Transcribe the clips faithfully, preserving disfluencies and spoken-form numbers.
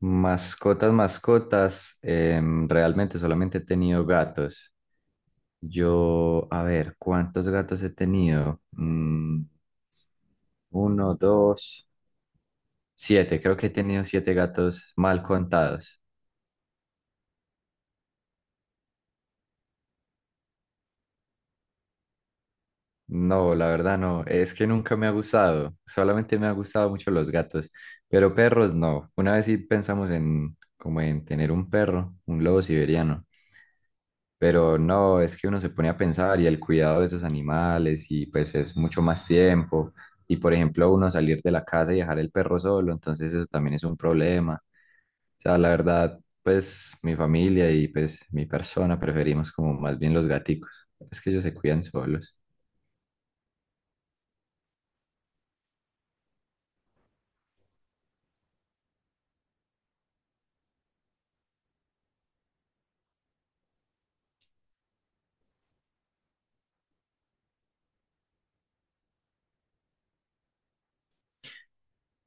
Mascotas, mascotas, em, realmente solamente he tenido gatos. Yo, a ver, ¿cuántos gatos he tenido? Mm, uno, dos, siete. Creo que he tenido siete gatos mal contados. No, la verdad no. Es que nunca me ha gustado. Solamente me ha gustado mucho los gatos, pero perros no. Una vez sí pensamos en como en tener un perro, un lobo siberiano. Pero no, es que uno se pone a pensar y el cuidado de esos animales y pues es mucho más tiempo. Y por ejemplo, uno salir de la casa y dejar el perro solo, entonces eso también es un problema. O sea, la verdad, pues mi familia y pues mi persona preferimos como más bien los gaticos. Es que ellos se cuidan solos.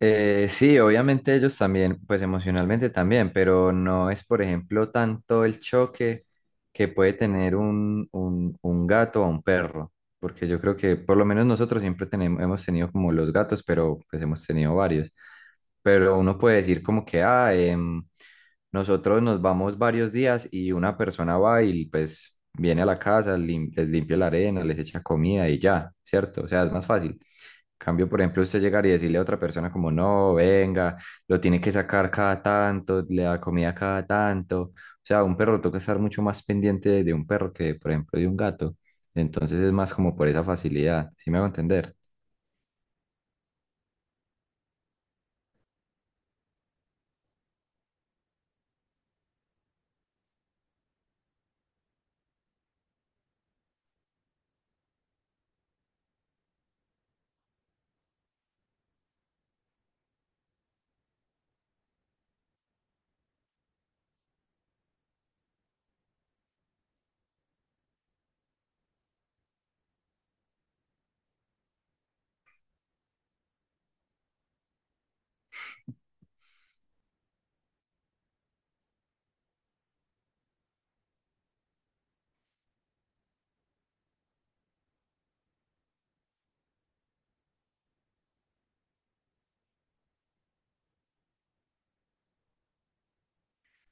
Eh, sí, obviamente ellos también, pues emocionalmente también, pero no es, por ejemplo, tanto el choque que puede tener un, un, un gato o un perro, porque yo creo que por lo menos nosotros siempre tenemos, hemos tenido como los gatos, pero pues hemos tenido varios, pero uno puede decir como que, ah, em, nosotros nos vamos varios días y una persona va y pues viene a la casa, lim- les limpia la arena, les echa comida y ya, ¿cierto? O sea, es más fácil. Cambio, por ejemplo, usted llegar y decirle a otra persona como, no, venga, lo tiene que sacar cada tanto, le da comida cada tanto. O sea, un perro toca estar mucho más pendiente de un perro que, por ejemplo, de un gato. Entonces es más como por esa facilidad, ¿sí me hago entender?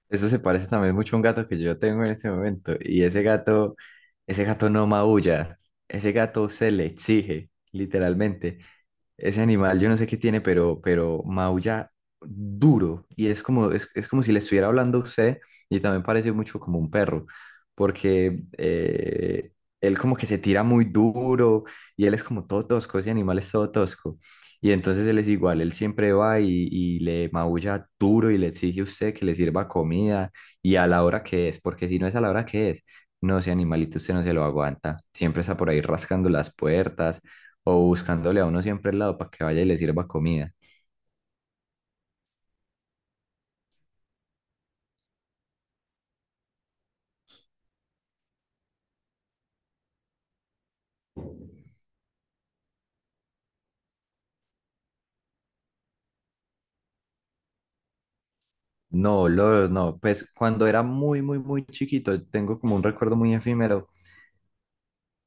Eso se parece también mucho a un gato que yo tengo en este momento. Y ese gato, ese gato no maulla. Ese gato se le exige, literalmente. Ese animal, yo no sé qué tiene, pero, pero maulla duro. Y es como, es, es como si le estuviera hablando a usted. Y también parece mucho como un perro. Porque eh, él como que se tira muy duro. Y él es como todo tosco. Ese animal es todo tosco. Y entonces él es igual, él siempre va y, y le maulla duro y le exige a usted que le sirva comida y a la hora que es, porque si no es a la hora que es, no, ese animalito usted no se lo aguanta. Siempre está por ahí rascando las puertas o buscándole a uno siempre al lado para que vaya y le sirva comida. No, Lord, no, pues cuando era muy, muy, muy chiquito, tengo como un recuerdo muy efímero,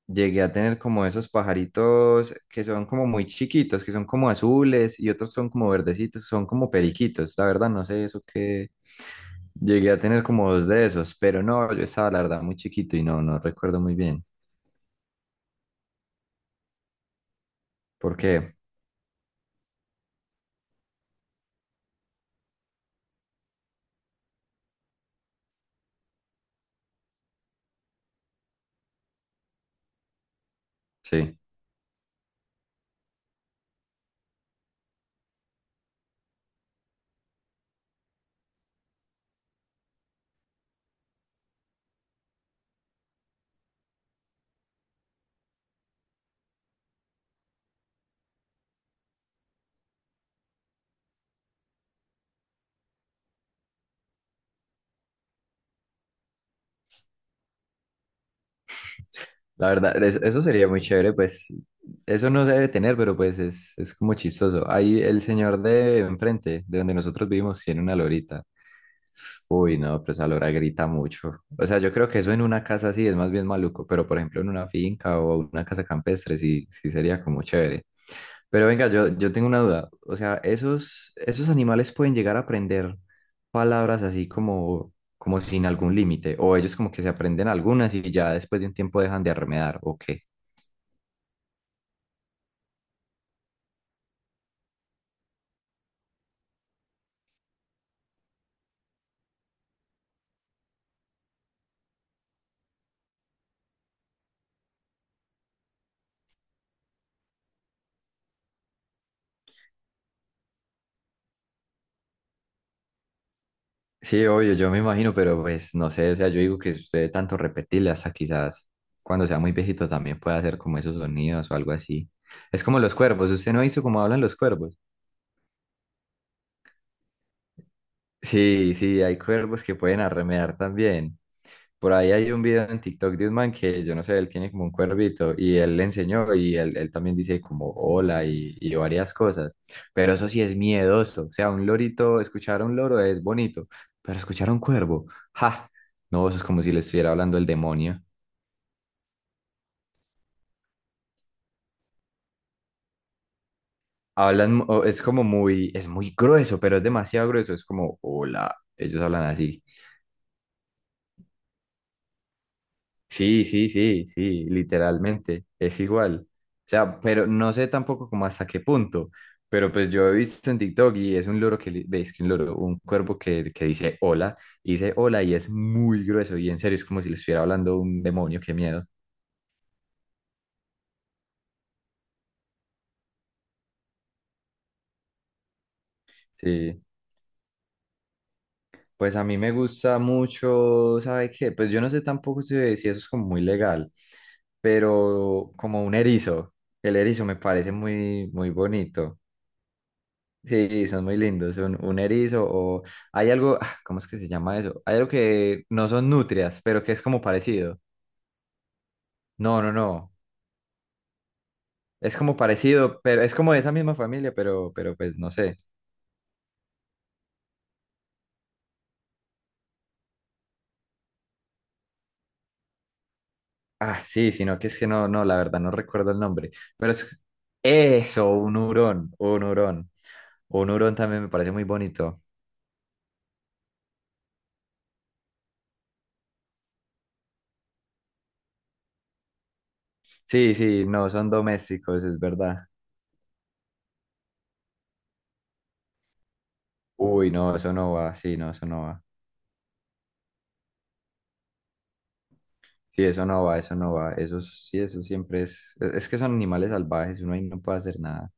llegué a tener como esos pajaritos que son como muy chiquitos, que son como azules y otros son como verdecitos, son como periquitos. La verdad, no sé eso que llegué a tener como dos de esos, pero no, yo estaba la verdad muy chiquito y no, no recuerdo muy bien. Porque, sí, la verdad, es- eso sería muy chévere, pues eso no se debe tener, pero pues es, es como chistoso. Ahí el señor de enfrente, de donde nosotros vivimos, tiene una lorita. Uy, no, pero esa lora grita mucho. O sea, yo creo que eso en una casa sí es más bien maluco, pero por ejemplo en una finca o una casa campestre sí, sí sería como chévere. Pero venga, yo, yo tengo una duda. O sea, esos, esos animales pueden llegar a aprender palabras así como, como sin algún límite, o ellos como que se aprenden algunas y ya después de un tiempo dejan de arremedar, ¿o qué? Sí, obvio, yo me imagino, pero pues no sé, o sea, yo digo que si usted de tanto repetirle hasta quizás cuando sea muy viejito también pueda hacer como esos sonidos o algo así. Es como los cuervos, usted no hizo como hablan los cuervos. Sí, sí, hay cuervos que pueden arremedar también. Por ahí hay un video en TikTok de un man que yo no sé, él tiene como un cuervito y él le enseñó y él, él también dice como hola y, y varias cosas, pero eso sí es miedoso, o sea, un lorito, escuchar a un loro es bonito, pero escuchar a un cuervo, ja, no, eso es como si le estuviera hablando el demonio. Hablan, mu- o es como muy, es muy grueso, pero es demasiado grueso, es como hola, ellos hablan así. Sí, sí, sí, sí, literalmente, es igual. O sea, pero no sé tampoco como hasta qué punto, pero pues yo he visto en TikTok y es un loro que, li- veis que un loro, un cuervo que, que dice hola, y dice hola y es muy grueso y en serio es como si le estuviera hablando un demonio, qué miedo. Sí, pues a mí me gusta mucho, ¿sabe qué? Pues yo no sé tampoco si, si eso es como muy legal, pero como un erizo, el erizo me parece muy, muy bonito. Sí, son muy lindos, son un erizo o hay algo, ah, ¿cómo es que se llama eso? Hay algo que no son nutrias, pero que es como parecido. No, no, no, es como parecido, pero es como de esa misma familia, pero, pero pues no sé. Ah, sí, sino que es que no, no, la verdad no recuerdo el nombre, pero es eso, un hurón, un hurón, un hurón también me parece muy bonito. Sí, sí, no, son domésticos, es verdad. Uy, no, eso no va, sí, no, eso no va. Sí, eso no va, eso no va. Eso sí, eso siempre es. Es es que son animales salvajes, uno ahí no puede hacer nada.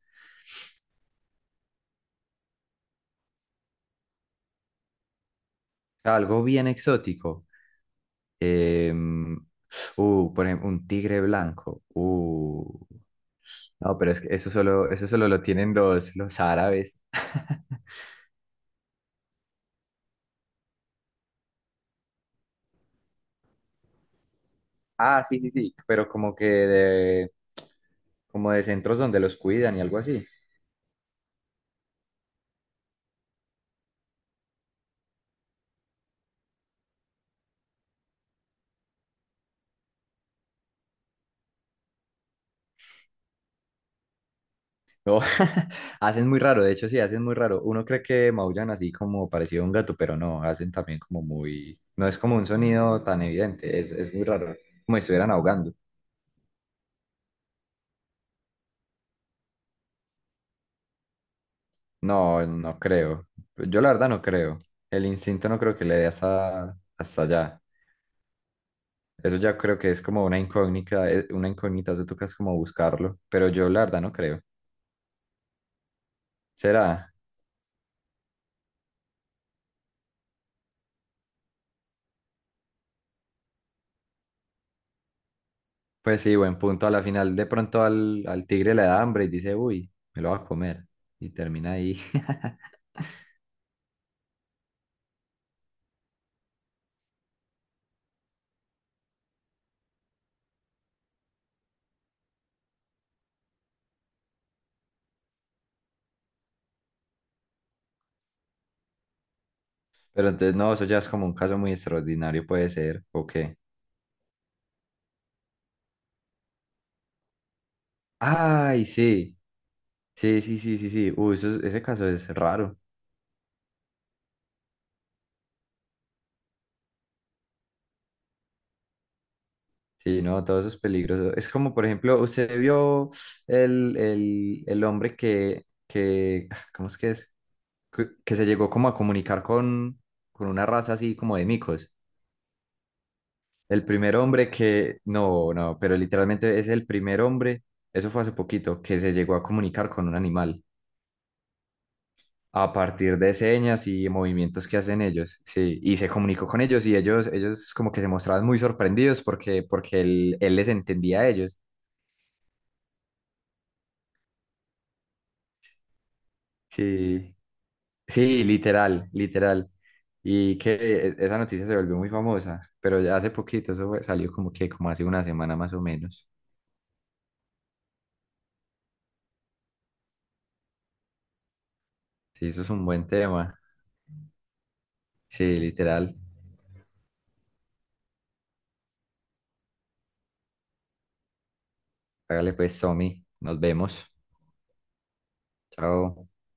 Algo bien exótico. em, uh, por ejemplo, un tigre blanco. Uh. No, pero es que eso solo, eso solo lo tienen los, los árabes. Ah, sí, sí, sí. Pero como que de, como de centros donde los cuidan y algo así. No, hacen muy raro, de hecho sí, hacen muy raro. Uno cree que maullan así como parecido a un gato, pero no, hacen también como muy. No es como un sonido tan evidente, es, es muy raro, como si estuvieran ahogando. No, no creo. Yo la verdad no creo. El instinto no creo que le dé hasta, hasta allá. Eso ya creo que es como una incógnita, eh, una incógnita, eso toca es como buscarlo, pero yo la verdad no creo. ¿Será? Pues sí, buen punto. A la final de pronto al, al tigre le da hambre y dice, uy, me lo va a comer. Y termina ahí. Pero entonces, no, eso ya es como un caso muy extraordinario, puede ser, ¿o qué? Ay, sí, sí, sí, sí, sí, sí. Uy, eso es- ese caso es raro. Sí, no, todo eso es peligroso. Es como, por ejemplo, usted vio el, el, el hombre que, que, ah, ¿cómo es que es? Que, que se llegó como a comunicar con, con una raza así como de micos. El primer hombre que, no, no, pero literalmente es el primer hombre, eso fue hace poquito, que se llegó a comunicar con un animal, a partir de señas y movimientos que hacen ellos, sí, y se comunicó con ellos y ellos, ellos como que se mostraban muy sorprendidos porque, porque él, él les entendía a ellos, sí, sí, literal, literal, y que e- esa noticia se volvió muy famosa, pero ya hace poquito, eso fue- salió como que como hace una semana más o menos, sí, eso es un buen tema, sí, literal, hágale pues, Somi, nos vemos, chao.